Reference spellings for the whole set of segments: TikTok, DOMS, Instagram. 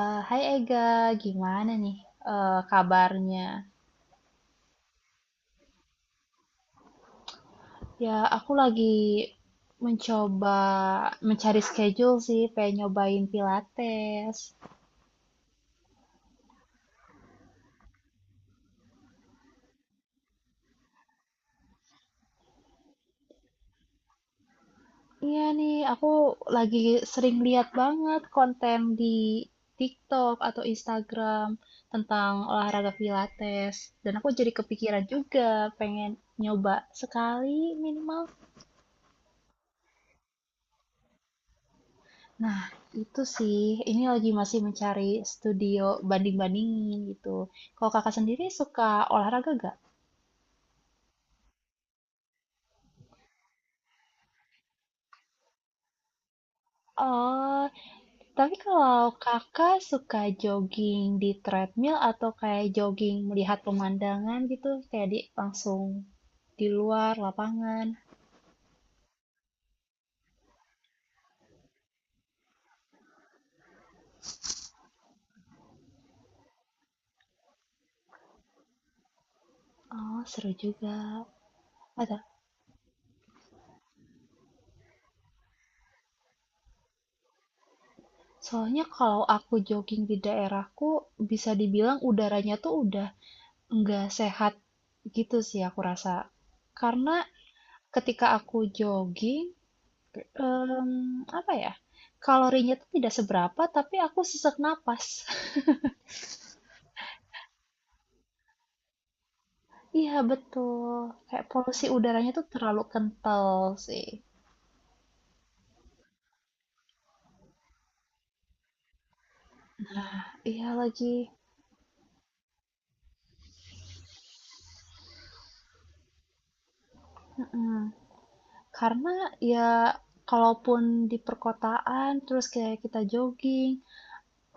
Hai Ega, gimana nih kabarnya? Ya, aku lagi mencoba mencari schedule sih, pengen nyobain Pilates. Iya nih, aku lagi sering lihat banget konten di TikTok atau Instagram tentang olahraga Pilates, dan aku jadi kepikiran juga pengen nyoba sekali minimal. Nah, itu sih. Ini lagi masih mencari studio banding-bandingin gitu. Kalau kakak sendiri suka olahraga gak? Oh, tapi kalau kakak suka jogging di treadmill atau kayak jogging melihat pemandangan gitu, kayak di langsung di luar lapangan. Oh, seru juga. Ada. Soalnya kalau aku jogging di daerahku, bisa dibilang udaranya tuh udah nggak sehat gitu sih aku rasa. Karena ketika aku jogging, apa ya, kalorinya tuh tidak seberapa tapi aku sesak napas. Iya betul, kayak polusi udaranya tuh terlalu kental sih. Iya lagi. Mhm. Karena ya kalaupun di perkotaan terus kayak kita jogging,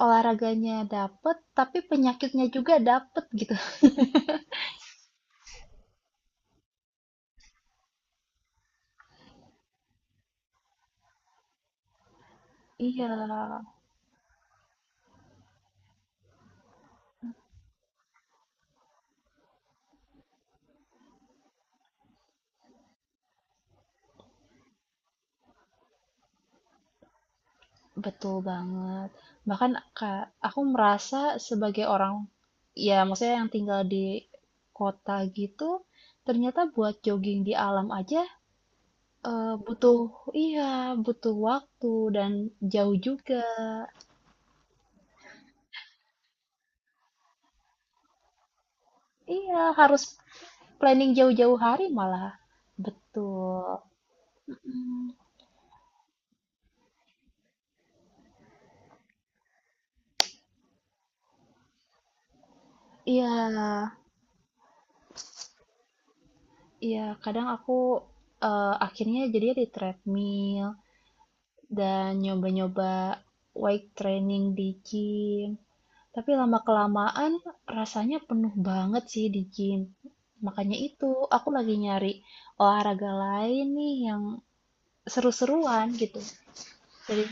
olahraganya dapet tapi penyakitnya juga dapet gitu. Iya. Betul banget. Bahkan, Kak, aku merasa sebagai orang, ya maksudnya yang tinggal di kota gitu, ternyata buat jogging di alam aja butuh, iya, butuh waktu dan jauh juga. Iya, harus planning jauh-jauh hari malah. Betul. Mm, iya, iya. Kadang aku akhirnya jadinya di treadmill dan nyoba-nyoba weight training di gym. Tapi lama-kelamaan rasanya penuh banget sih di gym. Makanya itu, aku lagi nyari olahraga lain nih yang seru-seruan gitu. Jadi,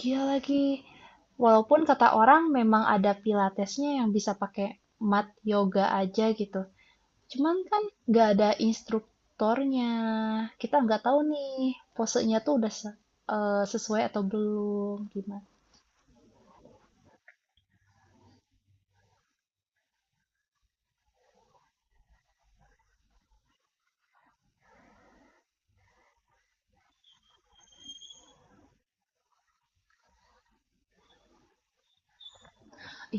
iya lagi. Walaupun kata orang memang ada pilatesnya yang bisa pakai mat yoga aja gitu. Cuman kan nggak ada instruktornya. Kita nggak tahu nih posenya tuh udah sesuai atau belum gimana.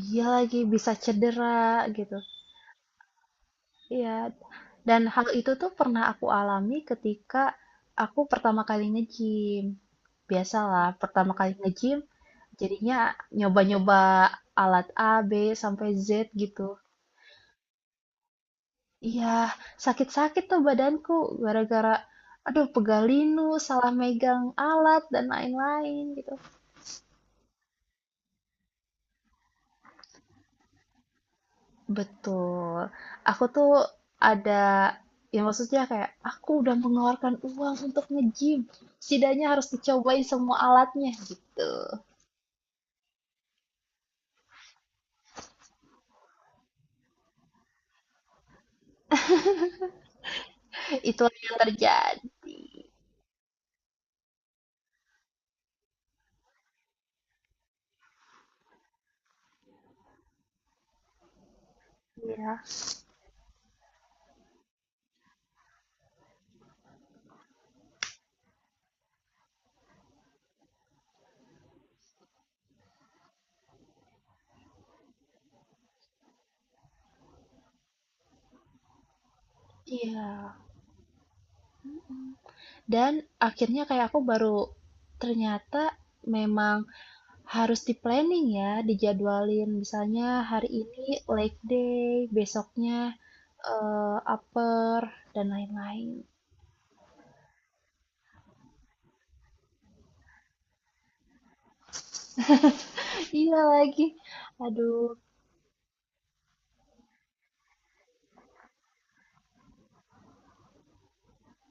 Iya lagi bisa cedera gitu. Iya, dan hal itu tuh pernah aku alami ketika aku pertama kali nge-gym. Biasalah, pertama kali nge-gym jadinya nyoba-nyoba alat A, B, sampai Z gitu. Iya, sakit-sakit tuh badanku gara-gara aduh pegalinu, salah megang alat dan lain-lain gitu. Betul. Aku tuh ada ya maksudnya kayak aku udah mengeluarkan uang untuk nge-gym. Setidaknya harus dicobain semua alatnya gitu. Itu yang terjadi ya. Iya. Dan akhirnya kayak aku baru ternyata memang harus di-planning ya, dijadwalin misalnya hari ini leg day, besoknya upper dan lain-lain. Iya lagi. Aduh,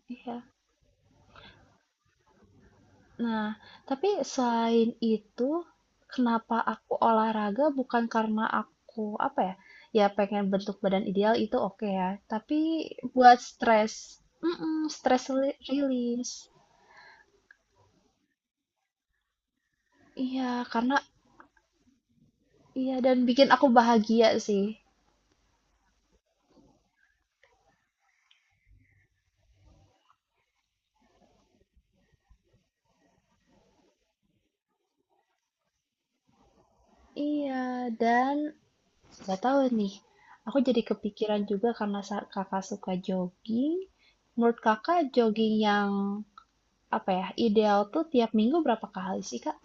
iya. Nah, tapi selain itu, kenapa aku olahraga bukan karena aku apa ya? Ya pengen bentuk badan ideal itu oke ya, tapi buat stres, stres release. Iya, karena iya dan bikin aku bahagia sih. Iya, dan nggak tahu nih. Aku jadi kepikiran juga karena kakak suka jogging. Menurut kakak jogging yang apa ya ideal tuh tiap minggu berapa kali sih, kak?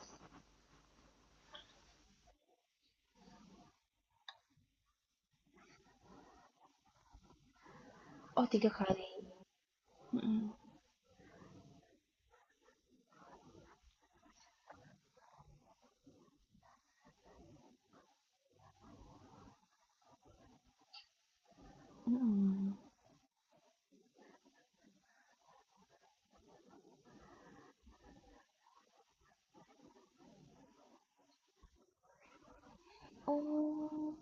Oh 3 kali. Mhm, mhm. Oh,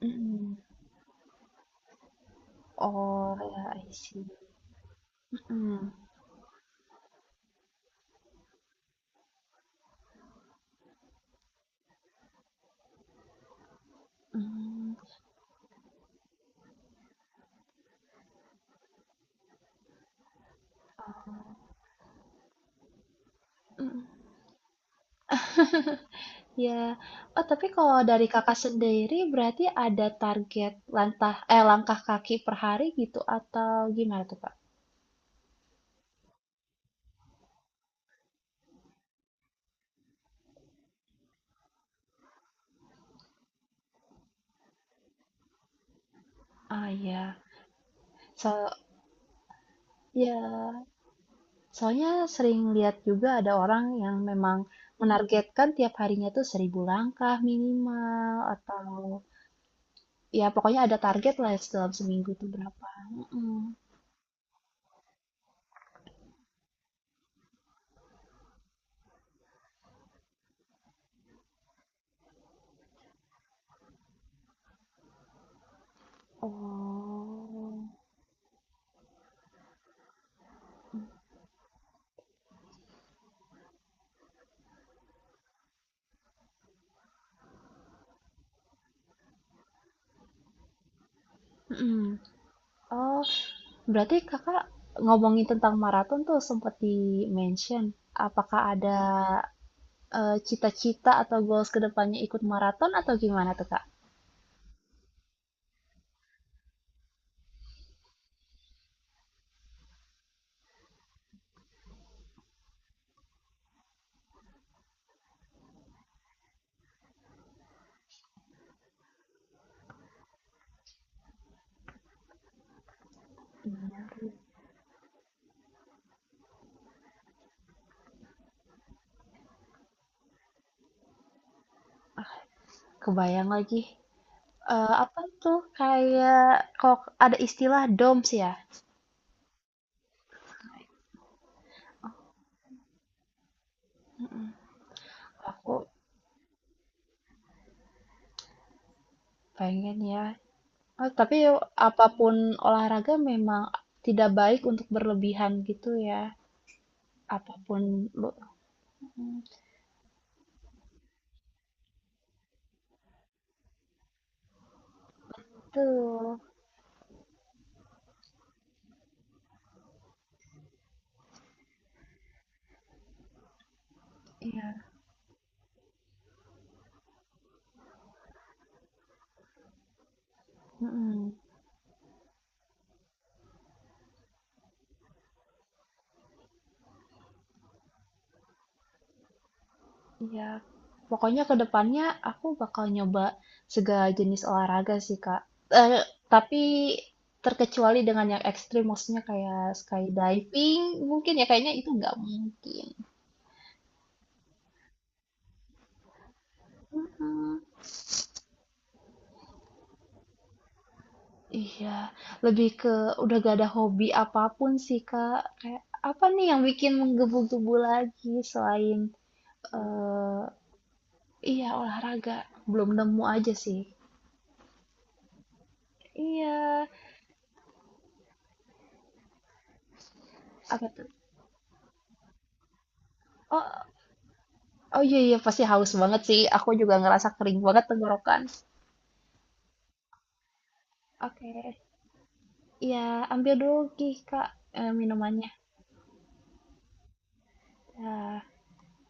mhm. Oh, ya, I see. Mhm, mmm, mhm, ya. Oh, tapi kalau dari Kakak sendiri berarti ada target langkah kaki per hari gitu atau gimana tuh, Kak? Ah, ya, so ya, soalnya sering lihat juga ada orang yang memang menargetkan tiap harinya tuh 1.000 langkah minimal atau ya pokoknya ada target lah dalam seminggu tuh berapa. Mhm. Oh, mhm. Oh, berarti Kakak ngomongin tentang maraton tuh sempat di-mention. Apakah ada cita-cita atau goals ke depannya ikut maraton atau gimana tuh, Kak? Ah, kebayang lagi. Apa tuh kayak kok ada istilah DOMS ya? Aku pengen ya. Oh, tapi apapun olahraga memang tidak baik untuk berlebihan gitu ya. Apapun lo- tuh. Iya. Mhm, iya. Pokoknya ke depannya aku bakal nyoba segala jenis olahraga sih, Kak. eh tapi terkecuali dengan yang ekstrim, maksudnya kayak skydiving mungkin ya, kayaknya itu nggak mungkin. Mhm, iya. Lebih ke udah gak ada hobi apapun sih, Kak. Kayak apa nih yang bikin menggebu-gebu lagi selain, eh iya, olahraga. Belum nemu aja sih. Iya, apa tuh? Oh Oh, iya, iya, pasti haus banget sih. Aku juga ngerasa kering banget tenggorokan. Oke, ya ambil dulu Kak, minumannya. Ya.